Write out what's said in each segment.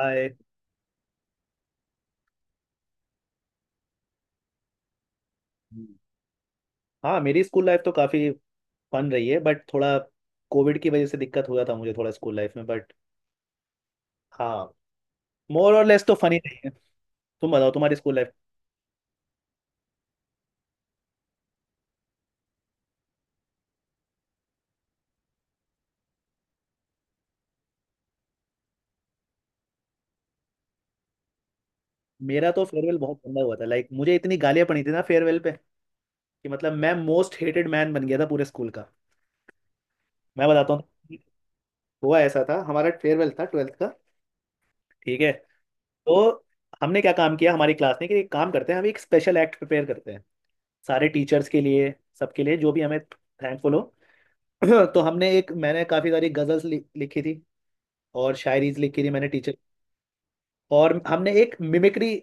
आए। हाँ, मेरी स्कूल लाइफ तो काफी फन रही है बट थोड़ा कोविड की वजह से दिक्कत हुआ था मुझे थोड़ा स्कूल लाइफ में। बट हाँ, मोर और लेस तो फनी रही है। तुम बताओ तुम्हारी स्कूल लाइफ। मेरा तो फेयरवेल बहुत गंदा हुआ था। लाइक मुझे इतनी गालियां पड़ी थी ना फेयरवेल पे कि मतलब मैं मोस्ट हेटेड मैन बन गया था पूरे स्कूल का। मैं बताता हूँ। हुआ ऐसा था, हमारा फेयरवेल था ट्वेल्थ का, ठीक है। तो हमने क्या काम किया हमारी क्लास ने कि एक काम करते हैं, हम एक स्पेशल एक्ट प्रिपेयर करते हैं सारे टीचर्स के लिए, सबके लिए जो भी हमें थैंकफुल हो। तो हमने एक, मैंने काफी सारी गजल्स लिखी थी और शायरीज लिखी थी मैंने टीचर। और हमने एक मिमिक्री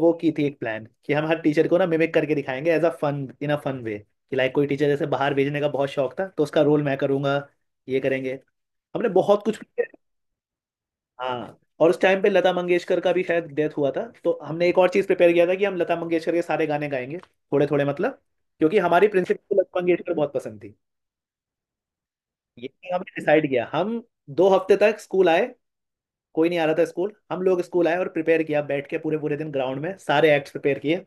वो की थी, एक प्लान कि हम हर टीचर को ना मिमिक करके दिखाएंगे as a fun, in a fun way. कि लाइक कोई टीचर जैसे बाहर भेजने का बहुत शौक था तो उसका रोल मैं करूंगा, ये करेंगे, हमने बहुत कुछ। हाँ, और उस टाइम पे लता मंगेशकर का भी शायद डेथ हुआ था तो हमने एक और चीज प्रिपेयर किया था कि हम लता मंगेशकर के सारे गाने गाएंगे थोड़े थोड़े, मतलब क्योंकि हमारी प्रिंसिपल को लता मंगेशकर बहुत पसंद थी। ये हमने डिसाइड किया। हम दो हफ्ते तक स्कूल आए, कोई नहीं आ रहा था स्कूल, हम लोग स्कूल आए और प्रिपेयर किया, बैठ के पूरे पूरे दिन ग्राउंड में सारे एक्ट्स प्रिपेयर किए।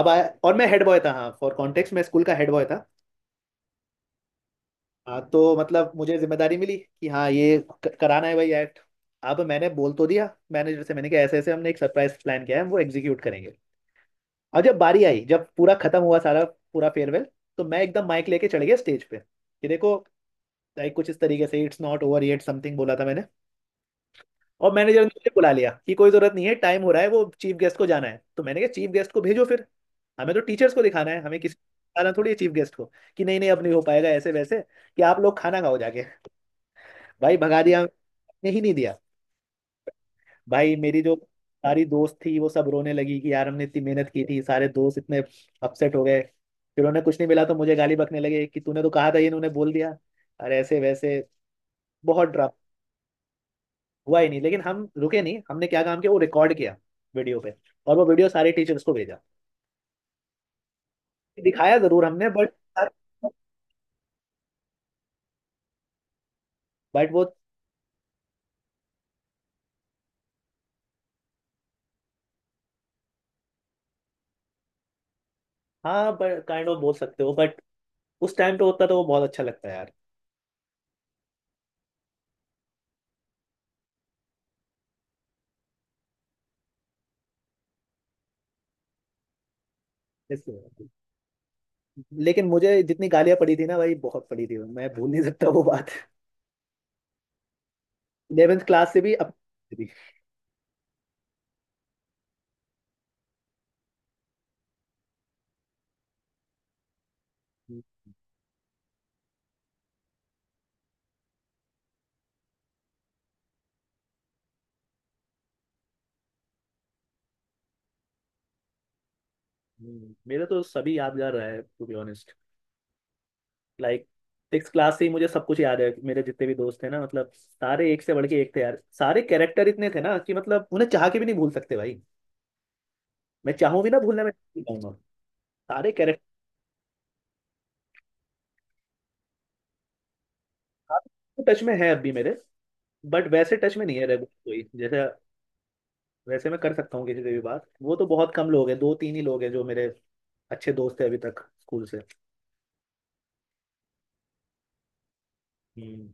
अब आया, और मैं हेड बॉय था। हाँ, फॉर कॉन्टेक्स्ट, मैं स्कूल का हेड बॉय था। हाँ, तो मतलब मुझे जिम्मेदारी मिली कि हाँ ये कराना है भाई एक्ट। अब मैंने बोल तो दिया मैनेजर से, मैंने कहा ऐसे ऐसे हमने एक सरप्राइज प्लान किया है, हम वो एग्जीक्यूट करेंगे। और जब बारी आई, जब पूरा खत्म हुआ सारा पूरा फेयरवेल, तो मैं एकदम माइक लेके चढ़ गया स्टेज पे कि देखो, लाइक कुछ इस तरीके से it's not over yet, something बोला था मैंने। और मैनेजर ने मुझे बुला लिया कि कोई जरूरत नहीं है, टाइम हो रहा है, वो चीफ गेस्ट को जाना है। तो मैंने कहा चीफ गेस्ट को भेजो फिर, हमें तो टीचर्स को दिखाना है, हमें किसी को दिखाना थोड़ी है चीफ गेस्ट को। कि नहीं नहीं अब नहीं हो पाएगा ऐसे वैसे, कि आप लोग खाना खाओ जाके। भाई भगा दिया, ने ही नहीं दिया। भाई मेरी जो सारी दोस्त थी वो सब रोने लगी कि यार हमने इतनी मेहनत की थी, सारे दोस्त इतने अपसेट हो गए। फिर उन्हें कुछ नहीं मिला तो मुझे गाली बकने लगे कि तूने तो कहा था, ये इन्होंने बोल दिया अरे ऐसे वैसे। बहुत ड्रामा हुआ ही नहीं, लेकिन हम रुके नहीं। हमने क्या काम किया, वो रिकॉर्ड किया वीडियो पे, और वो वीडियो सारे टीचर्स को भेजा। दिखाया जरूर हमने बट वो हाँ बट काइंड ऑफ बोल सकते हो बट उस टाइम तो होता तो वो बहुत अच्छा लगता है यार। इसलिए लेकिन मुझे जितनी गालियां पड़ी थी ना भाई बहुत पड़ी थी, मैं भूल नहीं सकता वो बात। इलेवेंथ क्लास से भी, अब भी। मेरा तो सभी यादगार रहा है to be honest. Like six class से ही मुझे सब कुछ याद है। मेरे जितने भी दोस्त थे ना, मतलब सारे एक से बढ़ के एक थे यार, सारे कैरेक्टर इतने थे ना कि मतलब उन्हें चाह के भी नहीं भूल सकते भाई। मैं चाहूँ भी ना भूलना, मैं नहीं चाहूंगा। सारे कैरेक्टर टच में है अब भी मेरे, बट वैसे टच में नहीं है रेगुलर कोई। जैसे वैसे मैं कर सकता हूँ किसी से भी बात, वो तो बहुत कम लोग हैं, दो तीन ही लोग हैं जो मेरे अच्छे दोस्त है अभी तक स्कूल से। हम्म।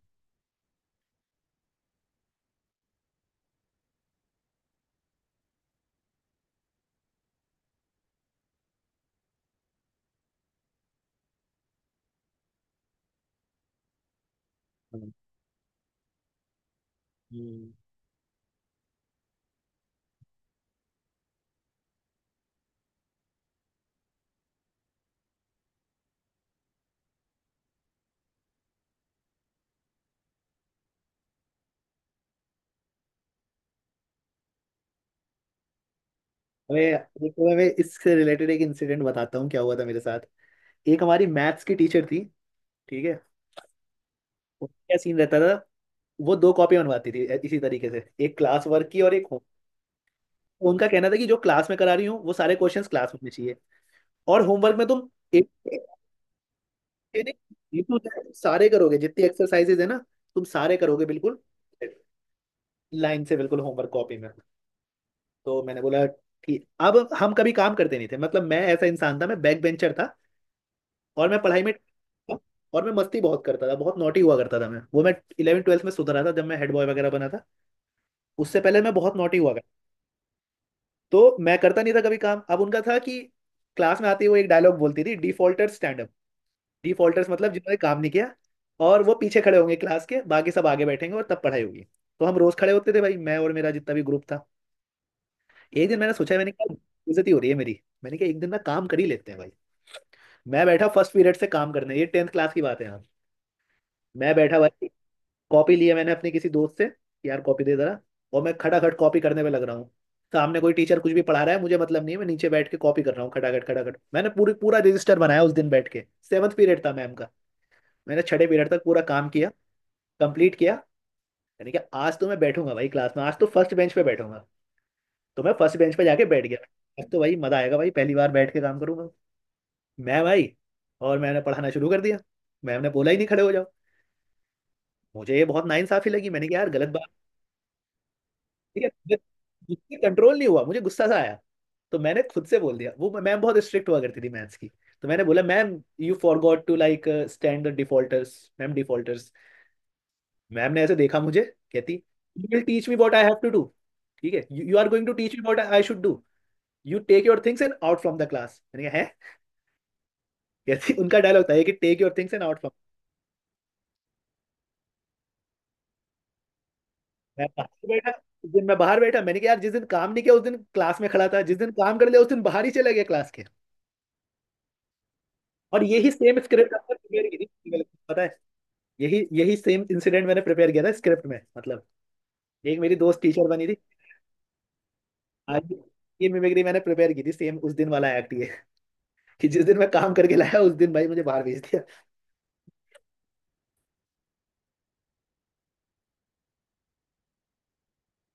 हम्म। हम्म। मैं देखो, मैं इससे रिलेटेड एक इंसिडेंट बताता हूँ, क्या हुआ था मेरे साथ। एक हमारी मैथ्स की टीचर थी, ठीक है। क्या सीन रहता था, वो दो कॉपी बनवाती थी, इसी तरीके से एक क्लास वर्क की और एक होम। उनका कहना था कि जो क्लास में करा रही हूँ वो सारे क्वेश्चंस क्लास में होने चाहिए और होमवर्क में तुम एक एक- एक- एक to Z सारे करोगे, जितनी एक्सरसाइजेज है ना तुम सारे करोगे बिल्कुल लाइन से, बिल्कुल होमवर्क कॉपी में। तो मैंने बोला ठीक। अब हम कभी काम करते नहीं थे, मतलब मैं ऐसा इंसान था, मैं बैक बेंचर था। और मैं पढ़ाई में, और मैं मस्ती बहुत करता था, बहुत नॉटी हुआ करता था। मैं वो मैं इलेवन ट्वेल्थ में सुधरा था जब मैं हेड बॉय वगैरह बना था, उससे पहले मैं बहुत नॉटी हुआ। तो मैं करता नहीं था कभी काम। अब उनका था कि क्लास में आते ही वो एक डायलॉग बोलती थी, डिफॉल्टर्स स्टैंड अप। डिफॉल्टर्स मतलब जिन्होंने काम नहीं किया, और वो पीछे खड़े होंगे क्लास के, बाकी सब आगे बैठेंगे और तब पढ़ाई होगी। तो हम रोज खड़े होते थे भाई, मैं और मेरा जितना भी ग्रुप था। एक दिन मैंने सोचा, मैंने कहा बेइज्जती हो रही है मेरी, मैंने कहा एक दिन ना काम कर ही लेते हैं भाई। मैं बैठा फर्स्ट पीरियड से काम करने, ये टेंथ क्लास की बात है यहाँ। मैं बैठा भाई, कॉपी लिया मैंने अपने किसी दोस्त से, यार कॉपी दे जरा, और मैं खटाखट कॉपी करने में लग रहा हूँ। सामने कोई टीचर कुछ भी पढ़ा रहा है, मुझे मतलब नहीं है, मैं नीचे बैठ के कॉपी कर रहा हूँ खटाखट खटाखट। मैंने पूरी पूरा रजिस्टर बनाया उस दिन बैठ के। सेवन्थ पीरियड था मैम का, मैंने छठे पीरियड तक पूरा काम किया, कंप्लीट किया। यानी कि आज तो मैं बैठूंगा भाई क्लास में, आज तो फर्स्ट बेंच पे बैठूंगा। तो मैं फर्स्ट बेंच पे जाके बैठ गया, आज तो भाई मजा आएगा भाई, पहली बार बैठ के काम करूंगा मैं भाई। और मैंने पढ़ाना शुरू कर दिया, मैम ने बोला ही नहीं खड़े हो जाओ। मुझे ये बहुत नाइंसाफी लगी, मैंने कहा यार गलत बात। ठीक है मुझे- मुझसे कंट्रोल नहीं हुआ, मुझे गुस्सा सा आया। तो मैंने खुद से बोल दिया, वो मैम बहुत स्ट्रिक्ट हुआ करती थी मैथ्स की। तो मैंने बोला ma'am you forgot to like stand the defaulters ma'am, defaulters. Ma'am ने ऐसे देखा मुझे, कहती you will teach me what I have to do. ठीक है, you are going to teach me what I should do. You take your things and out from the class, मैंने कहा है। कहती, उनका डायलॉग था ये कि take your things and out from. मैं बाहर बैठा। उस दिन मैं बाहर बैठा, मैंने कहा यार जिस दिन काम नहीं किया उस दिन क्लास में खड़ा था, जिस दिन काम कर लिया उस दिन बाहर ही चला गया क्लास के। और यही सेम स्क्रिप्ट आपने प्रिपेयर की थी, मेरे को पता है। यही यही सेम इंसिडेंट मैंने प्रिपेयर किया था स्क्रिप्ट में, मतलब एक मेरी दोस्त टीचर बनी थी। आज भी, ये मिमिक्री मैंने प्रिपेयर की थी, सेम उस दिन वाला एक्ट, ये कि जिस दिन मैं काम करके लाया उस दिन भाई मुझे बाहर भेज दिया।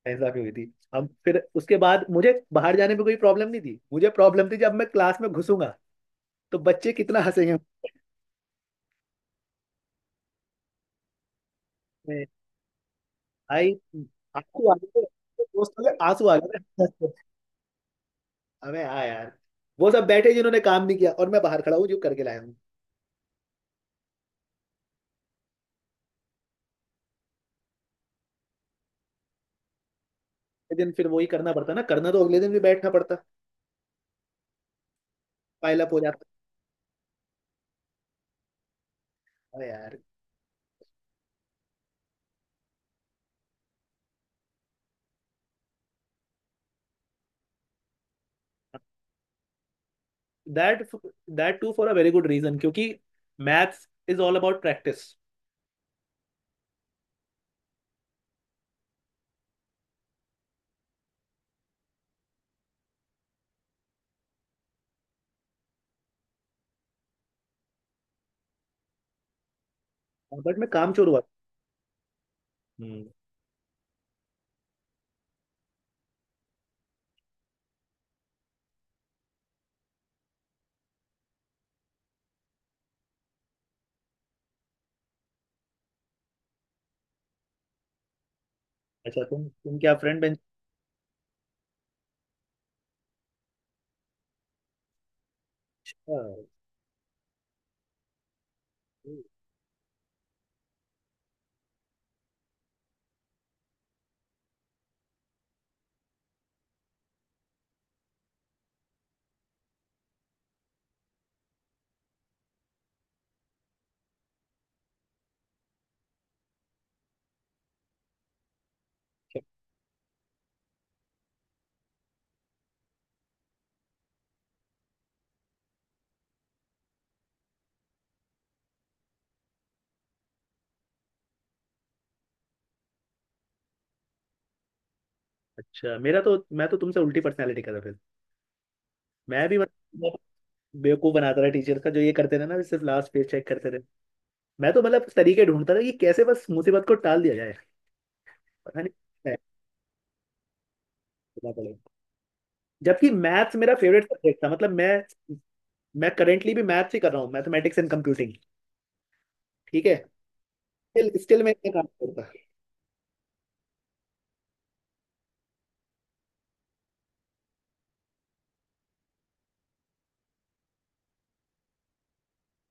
ऐसा भी हुई थी। अब फिर उसके बाद मुझे बाहर जाने में कोई प्रॉब्लम नहीं थी, मुझे प्रॉब्लम थी जब मैं क्लास में घुसूंगा तो बच्चे कितना हंसेंगे। मैं- भाई आंसू आ गए थे, दोस्तों के आंसू आ गए थे। अबे हाँ यार, वो सब बैठे जिन्होंने काम नहीं किया और मैं बाहर खड़ा हूँ जो करके लाया हूँ। अगले दिन फिर वही करना पड़ता, ना करना तो अगले दिन भी बैठना पड़ता, पाइल अप हो जाता। अरे यार, that that too for a very good reason, क्योंकि maths is all about practice. But मैं कामचोर हुआ। हम्म। अच्छा, तुम क्या फ्रंट बेंच। अच्छा अच्छा, मेरा तो, मैं तो तुमसे उल्टी पर्सनैलिटी का था फिर। मैं भी मतलब बेवकूफ बनाता रहा टीचर का, जो ये करते रहे ना सिर्फ लास्ट पेज चेक करते रहे। मैं तो मतलब तरीके ढूंढता था कि कैसे बस मुसीबत को टाल दिया जाए, पता नहीं क्या करना पड़ेगा। जबकि मैथ्स मेरा फेवरेट सब्जेक्ट था, मतलब मैं करेंटली भी मैथ्स ही कर रहा हूँ, मैथमेटिक्स एंड कंप्यूटिंग, ठीक है। स्टिल स्टिल मैं इतना काम करता।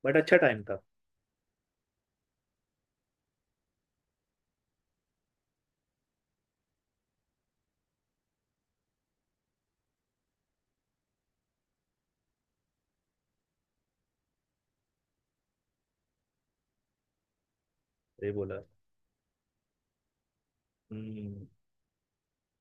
बट अच्छा टाइम था। ये बोला। हम्म।